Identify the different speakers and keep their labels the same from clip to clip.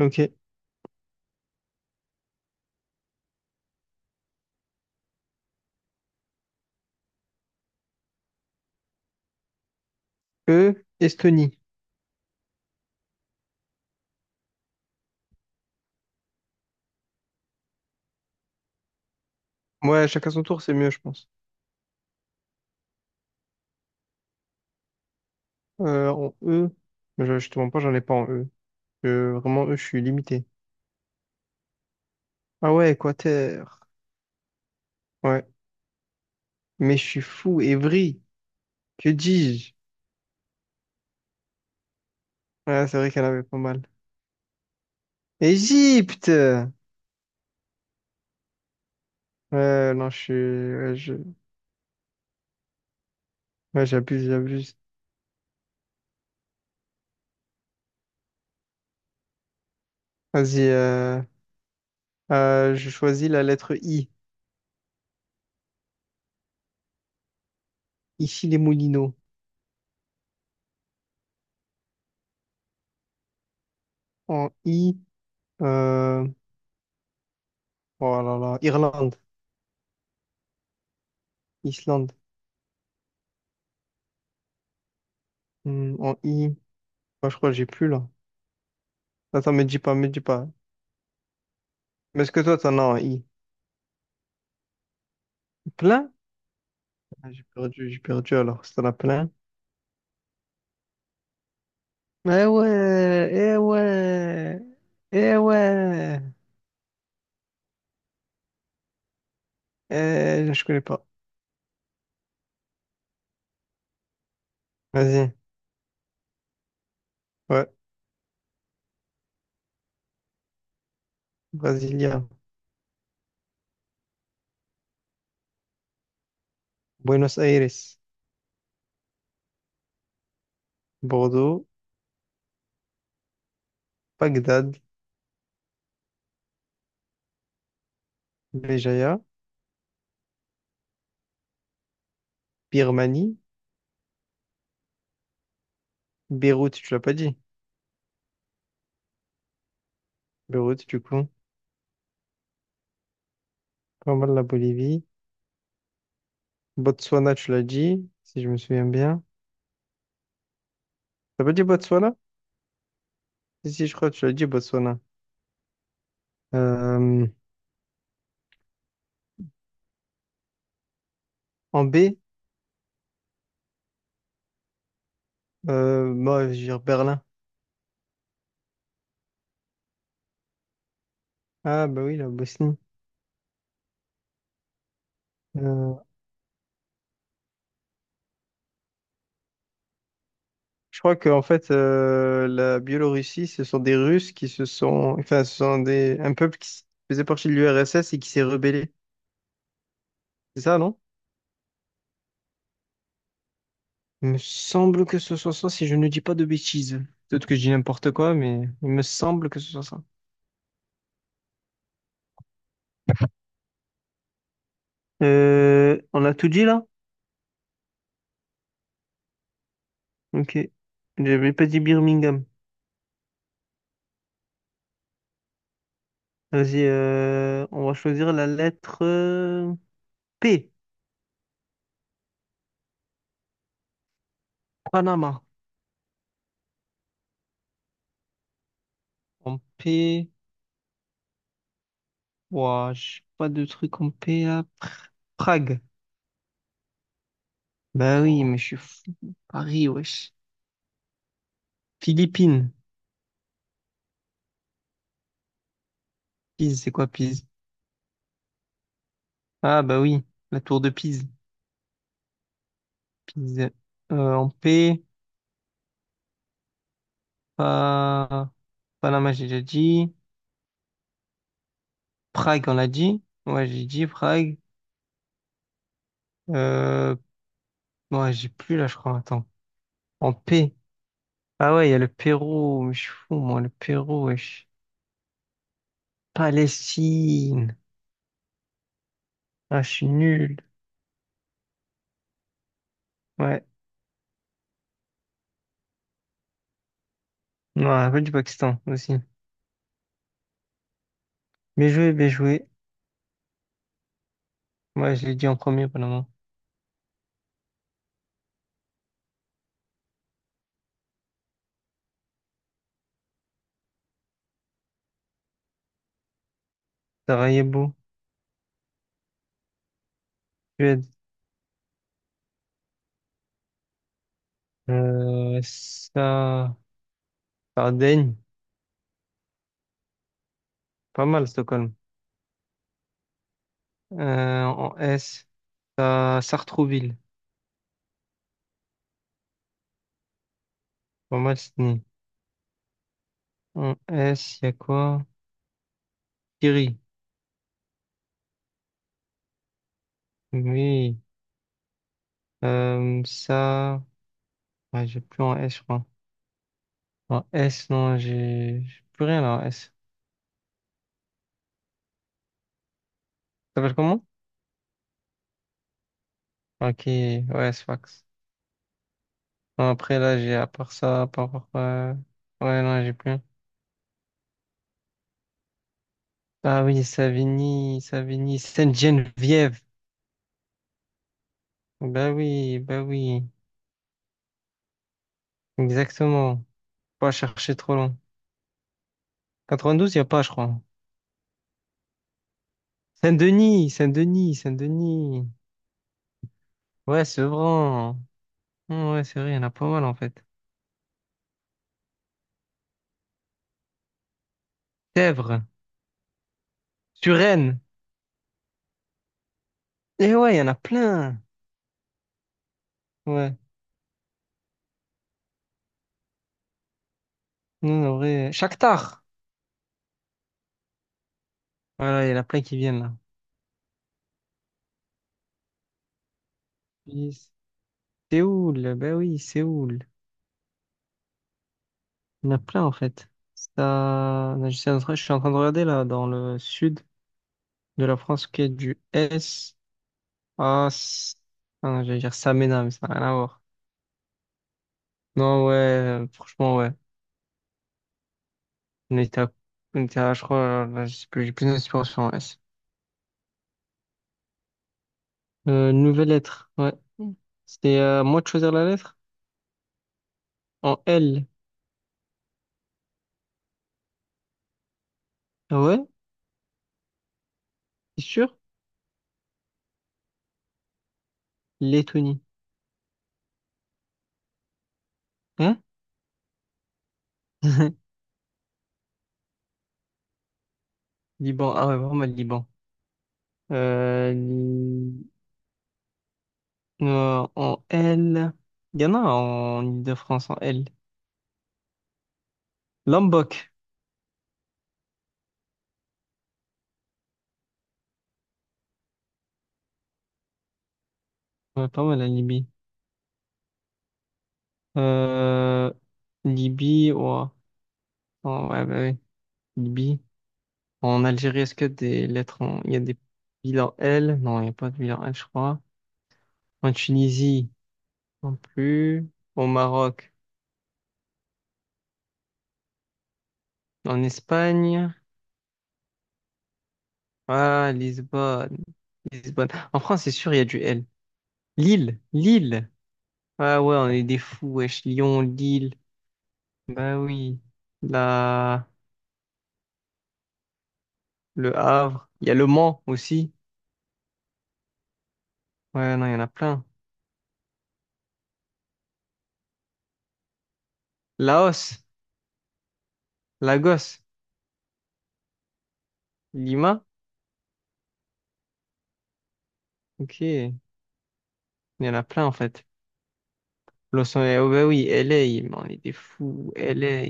Speaker 1: Ok. E, Estonie. Ouais, chacun son tour, c'est mieux, je pense. En E, mais je te mens pas, j'en ai pas en E. Je- vraiment, E, je suis limité. Ah ouais, Équateur. Ouais. Mais je suis fou, Évry. Que dis-je? Ouais, c'est vrai qu'elle avait pas mal. Égypte! Ouais, non, je suis. Ouais, je- ouais, j'abuse. Vas-y, je choisis la lettre I. Ici, les Moulineaux. En I, euh... oh là là, Irlande, Islande. Hmm, en I, moi, je crois que j'ai plus là. Attends, me dis pas. Mais est-ce que toi, t'en as en I? Plein? Ah, j'ai perdu, alors, si t'en as plein. Eh ouais, eh ouais, eh ouais. Eh, je connais pas. Vas-y, ouais. Brasilia, Buenos Aires, Bordeaux, Bagdad, Béjaïa, Birmanie, Beyrouth, tu l'as pas dit. Beyrouth, du coup. Pas mal la Bolivie. Botswana, tu l'as dit, si je me souviens bien. T'as pas dit Botswana? Si, si, je crois que tu l'as dit, Botswana. Euh, en B? Moi, je vais dire Berlin. Ah, bah oui, la Bosnie. Euh, je crois que en fait, la Biélorussie, ce sont des Russes qui se sont, enfin, ce sont des un peuple faisait partie de l'URSS et qui s'est rebellé. C'est ça, non? Il me semble que ce soit ça, si je ne dis pas de bêtises. Peut-être que je dis n'importe quoi, mais il me semble que ce soit ça. On a tout dit là? Ok. J'avais pas dit Birmingham. Vas-y, on va choisir la lettre P. Panama. En P. Ouah, je pas de truc en P là. Prague. Bah oui, mais je suis fou. Paris, wesh. Philippines. Pise, c'est quoi Pise? Ah bah oui, la tour de Pise. Pise en P. Pas... Panama, j'ai déjà dit. Prague, on l'a dit. Ouais, j'ai dit Prague. Euh... Ouais, j'ai plus là, je crois. Attends. En P, ah ouais, il y a le Pérou. Mais je suis fou, moi, le Pérou, wesh. Palestine. Ah, je suis nul. Ouais, non un peu du Pakistan aussi. Bien joué. Moi je l'ai dit en premier, Panama. Sarajevo, Suède. Euh, ça, Sardaigne, pas mal, Stockholm. En S, Sartrouville, pas mal, Sydney. En S, il y a quoi? Thierry, oui. Euh, ça, ouais, j'ai plus en S, je crois. En S, non, j'ai plus rien là en S. Ça s'appelle comment? Ok, ouais, Sfax. Non, après, là, j'ai, à part ça, ouais, non, j'ai plus rien. Ah oui, Savigny, Sainte-Geneviève. Bah oui, exactement. Pas chercher trop long. 92, il n'y a pas, je crois. Saint-Denis. Ouais, Sevran. Hmm, ouais, c'est vrai, il y en a pas mal en fait. Sèvres, Suresnes. Eh ouais, il y en a plein. Ouais, non, en vrai. Shakhtar. Voilà, il y en a plein qui viennent là. Nice. Séoul, bah oui, Séoul. Il y en a plein en fait. Ça... je suis en train de regarder là dans le sud de la France qui est du S à... S- ah non, j'allais dire Samena, mais ça n'a rien à voir. Non, ouais, franchement, ouais. On était à, on était à, je crois, là, je sais plus, j'ai plus d'inspiration en S. Nouvelle lettre, ouais. Mm. C'était à moi de choisir la lettre? En L. Ah ouais, c'est sûr? Lettonie. Hein? Liban, ah ouais, vraiment le Liban. Euh, li- en L. Il y en a en Ile-de-France en L. Lombok. Ouais, pas mal la Libye. Euh, Libye, ouah. Oh, ouais, bah oui. Libye. En Algérie, est-ce qu'il y a des lettres en... il y a des villes en L? Non, il n'y a pas de ville en L, je crois. En Tunisie, non plus. Au Maroc, en Espagne. Ah, Lisbonne. Lisbonne. En France, c'est sûr, il y a du L. Lille. Ah ouais, on est des fous, wesh. Lyon, Lille. Bah oui. La... Le Havre. Il y a Le Mans aussi. Ouais, non, il y en a plein. Laos, Lagos. Lima? Ok. Il y en a plein en fait. Los Angeles, oh bah oui, LA, mais on est des fous, LA.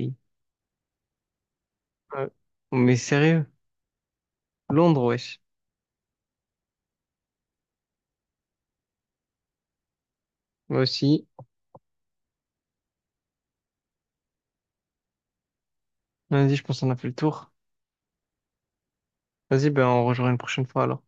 Speaker 1: Ouais. Mais sérieux, Londres, wesh. Moi aussi. Vas-y, je pense qu'on a fait le tour. Vas-y, ben on rejoint une prochaine fois alors.